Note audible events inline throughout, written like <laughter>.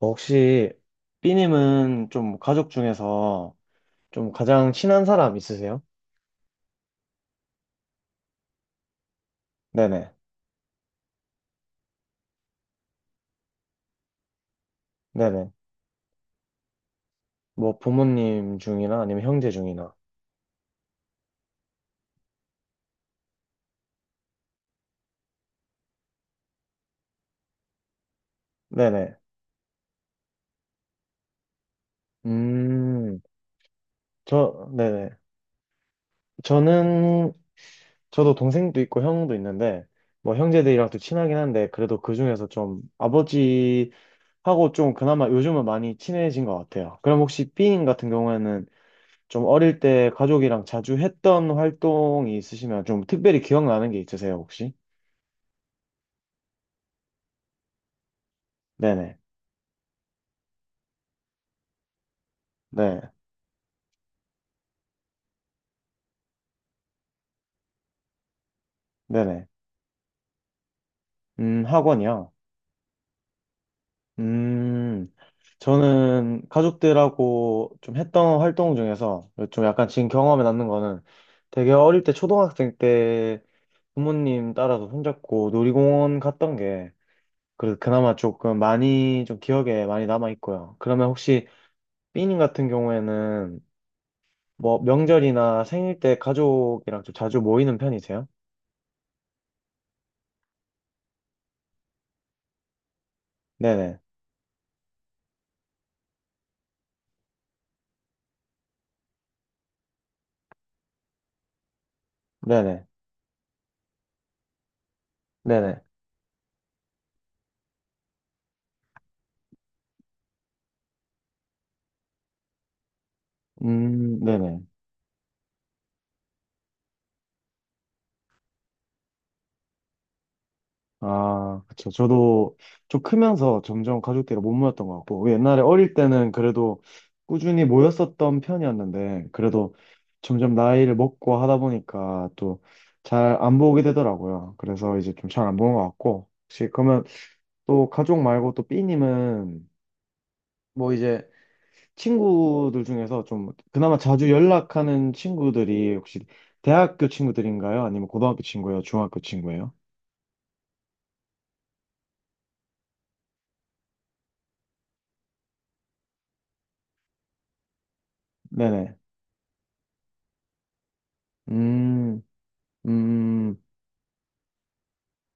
혹시 B님은 좀 가족 중에서 좀 가장 친한 사람 있으세요? 네네. 네네. 뭐 부모님 중이나 아니면 형제 중이나. 네네. 음, 저, 네네. 저는, 저도 동생도 있고 형도 있는데, 뭐 형제들이랑도 친하긴 한데, 그래도 그 중에서 좀 아버지하고 좀 그나마 요즘은 많이 친해진 것 같아요. 그럼 혹시 B님 같은 경우에는 좀 어릴 때 가족이랑 자주 했던 활동이 있으시면 좀 특별히 기억나는 게 있으세요, 혹시? 네네. 네. 네네. 학원이요. 음, 저는 가족들하고 좀 했던 활동 중에서 좀 약간 지금 경험에 남는 거는 되게 어릴 때 초등학생 때 부모님 따라서 손잡고 놀이공원 갔던 게 그래도 그나마 조금 많이 좀 기억에 많이 남아 있고요. 그러면 혹시 삐님 같은 경우에는 뭐 명절이나 생일 때 가족이랑 좀 자주 모이는 편이세요? 네네. 네네. 네네. 네네. 아, 그쵸. 저도 좀 크면서 점점 가족끼리 못 모였던 것 같고, 옛날에 어릴 때는 그래도 꾸준히 모였었던 편이었는데, 그래도 점점 나이를 먹고 하다 보니까 또 잘 안 보게 되더라고요. 그래서 이제 좀 잘 안 보는 것 같고, 혹시 그러면 또 가족 말고 또 B님은 뭐 이제 친구들 중에서 좀 그나마 자주 연락하는 친구들이 혹시 대학교 친구들인가요? 아니면 고등학교 친구예요? 중학교 친구예요? 네네. 음, 음,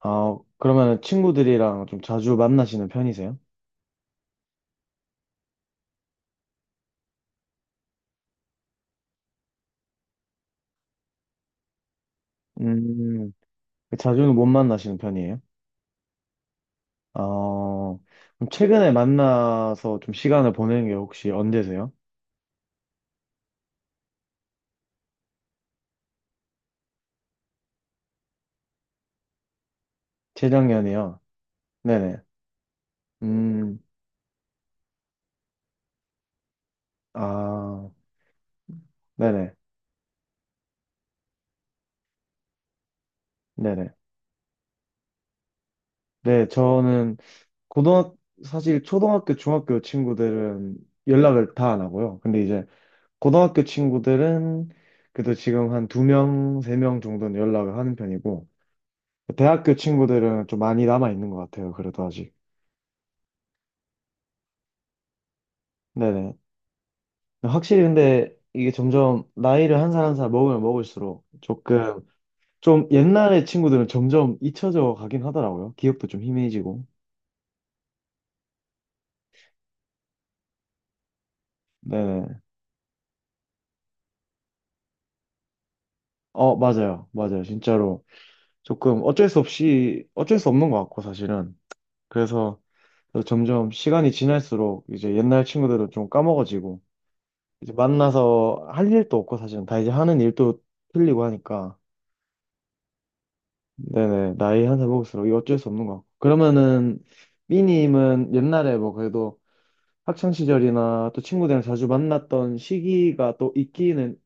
아, 그러면 친구들이랑 좀 자주 만나시는 편이세요? 음, 자주는 못 만나시는 편이에요? 어, 그럼 최근에 만나서 좀 시간을 보내는 게 혹시 언제세요? 재작년이요? 네네. 음, 아, 네네. 네네. 네, 저는 고등학 사실 초등학교, 중학교 친구들은 연락을 다 안 하고요. 근데 이제 고등학교 친구들은 그래도 지금 한 2명, 3명 정도는 연락을 하는 편이고 대학교 친구들은 좀 많이 남아 있는 것 같아요. 그래도 아직. 네네. 확실히 근데 이게 점점 나이를 한 살 한 살 먹으면 먹을수록 조금 좀 옛날의 친구들은 점점 잊혀져 가긴 하더라고요. 기억도 좀 희미해지고. 네네. 어, 맞아요. 맞아요. 진짜로. 조금 어쩔 수 없이, 어쩔 수 없는 것 같고, 사실은. 그래서 점점 시간이 지날수록 이제 옛날 친구들은 좀 까먹어지고 이제 만나서 할 일도 없고 사실은 다 이제 하는 일도 틀리고 하니까 네네 나이 한 살 먹을수록 이거 어쩔 수 없는 것 같고 그러면은 삐님은 옛날에 뭐 그래도 학창 시절이나 또 친구들이랑 자주 만났던 시기가 또 있기는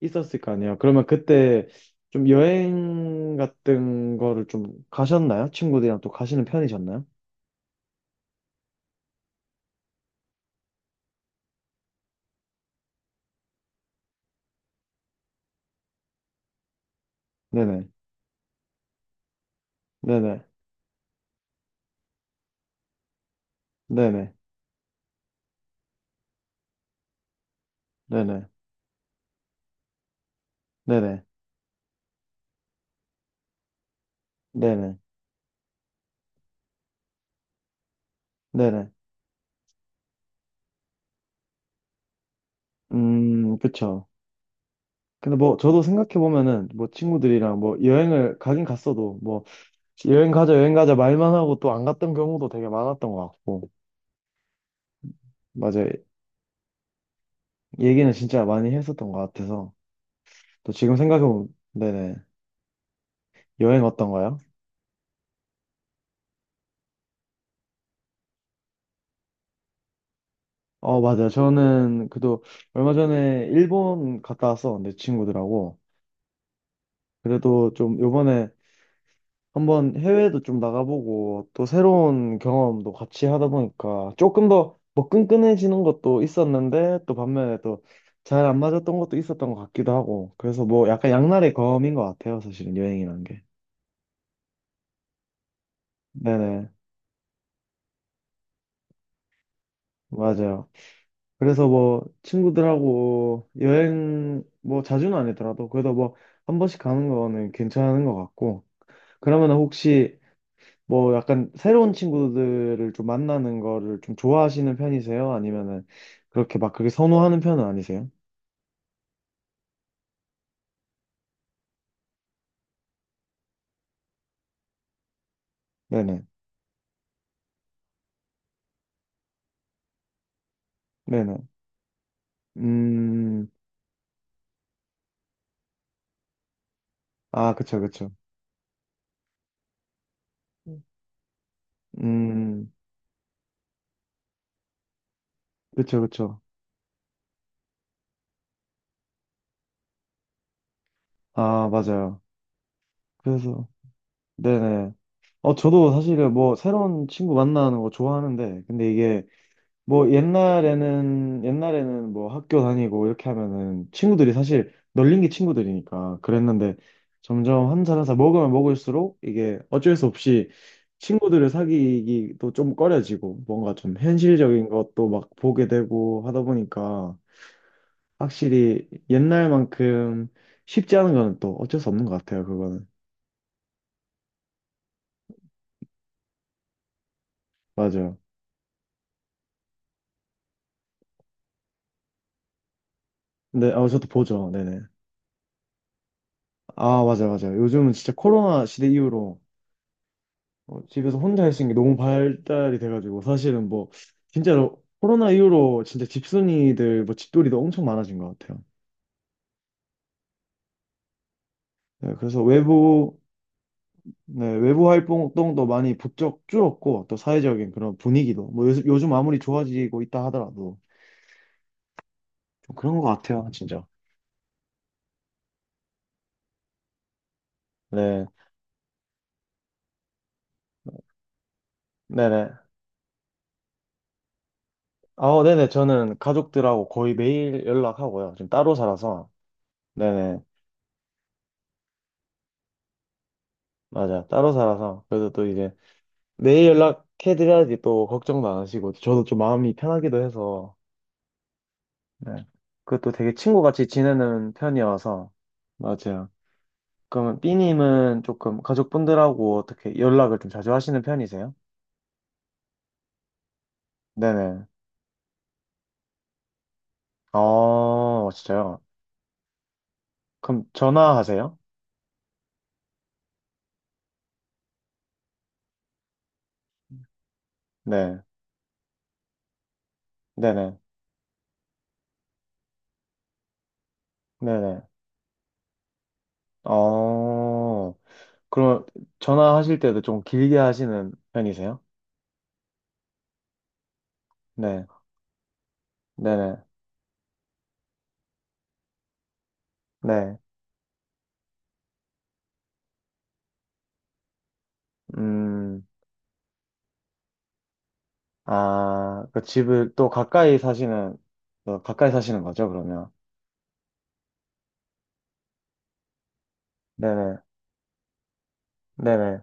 있었을 거 아니에요 그러면 그때 좀 여행 같은 거를 좀 가셨나요? 친구들이랑 또 가시는 편이셨나요? 네네 네네 네네 네네 네네 네네. 네네. 그쵸. 근데 뭐, 저도 생각해보면은, 뭐, 친구들이랑 뭐, 여행을 가긴 갔어도, 뭐, 여행 가자, 여행 가자 말만 하고 또 안 갔던 경우도 되게 많았던 것 같고, 맞아요. 얘기는 진짜 많이 했었던 것 같아서, 또 지금 생각해보면, 네네. 여행 어떤가요? 어, 맞아요. 저는 그래도 얼마 전에 일본 갔다 왔었는데, 친구들하고. 그래도 좀 요번에 한번 해외도 좀 나가보고 또 새로운 경험도 같이 하다 보니까 조금 더 뭐 끈끈해지는 것도 있었는데 또 반면에 또 잘 안 맞았던 것도 있었던 것 같기도 하고 그래서 뭐 약간 양날의 검인 것 같아요 사실은 여행이라는 게 네네 맞아요 그래서 뭐 친구들하고 여행 뭐 자주는 아니더라도 그래도 뭐 한 번씩 가는 거는 괜찮은 것 같고 그러면 혹시 뭐 약간 새로운 친구들을 좀 만나는 거를 좀 좋아하시는 편이세요? 아니면은 그렇게 막 그렇게 선호하는 편은 아니세요? 네네. 네네. 음, 아, 그쵸, 그쵸. 음. 음, 그쵸, 그쵸. 아, 맞아요. 그래서, 네네. 어, 저도 사실은 뭐 새로운 친구 만나는 거 좋아하는데, 근데 이게 뭐 옛날에는 뭐 학교 다니고 이렇게 하면은 친구들이 사실 널린 게 친구들이니까 그랬는데 점점 한 살 한 살 먹으면 먹을수록 이게 어쩔 수 없이 친구들을 사귀기도 좀 꺼려지고 뭔가 좀 현실적인 것도 막 보게 되고 하다 보니까 확실히 옛날만큼 쉽지 않은 거는 또 어쩔 수 없는 것 같아요 그거는 맞아요 근데 아 저도 보죠 네네 아 맞아 요 맞아 요 요즘은 진짜 코로나 시대 이후로 어, 집에서 혼자 할 수 있는 게 너무 발달이 돼가지고 사실은 뭐 진짜로 코로나 이후로 진짜 집순이들 뭐 집돌이도 엄청 많아진 것 같아요. 네, 그래서 외부 네, 외부 활동도 많이 부쩍 줄었고 또 사회적인 그런 분위기도 뭐 요즘, 요즘 아무리 좋아지고 있다 하더라도 좀 그런 것 같아요, 진짜. 네, 네네. 아, 네네. 저는 가족들하고 거의 매일 연락하고요. 지금 따로 살아서. 네네. 맞아. 따로 살아서. 그래도 또 이제 내일 연락해드려야지 또 걱정도 안 하시고 저도 좀 마음이 편하기도 해서 네. 그것도 되게 친구같이 지내는 편이어서 맞아요. 그러면 B님은 조금 가족분들하고 어떻게 연락을 좀 자주 하시는 편이세요? 네네. 어, 진짜요? 그럼 전화하세요? 네. 네네. 네네. 어, 그럼 전화하실 때도 좀 길게 하시는 편이세요? 네. 네네. 네. 음. 아, 그 집을 또 가까이 사시는, 어, 가까이 사시는 거죠, 그러면? 네네, 네네.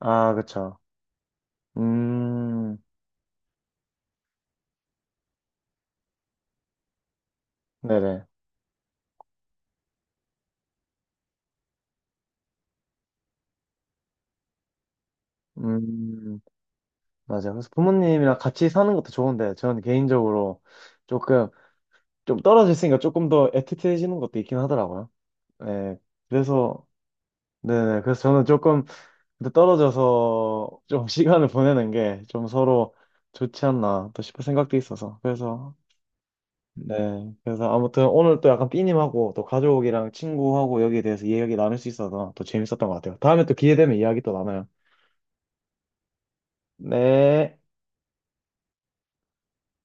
아, 그쵸. 음, 네네. 음, 맞아요. 그래서 부모님이랑 같이 사는 것도 좋은데, 저는 개인적으로 조금, 좀 떨어져 있으니까 조금 더 애틋해지는 것도 있긴 하더라고요. 네, 그래서, 네네. 그래서 저는 조금 근데 떨어져서 좀 <laughs> 시간을 보내는 게 좀 서로 좋지 않나 또 싶은 생각도 있어서. 그래서 네. 그래서 아무튼 오늘 또 약간 삐님하고 또 가족이랑 친구하고 여기에 대해서 이야기 나눌 수 있어서 또 재밌었던 것 같아요. 다음에 또 기회 되면 이야기 또 나눠요. 네.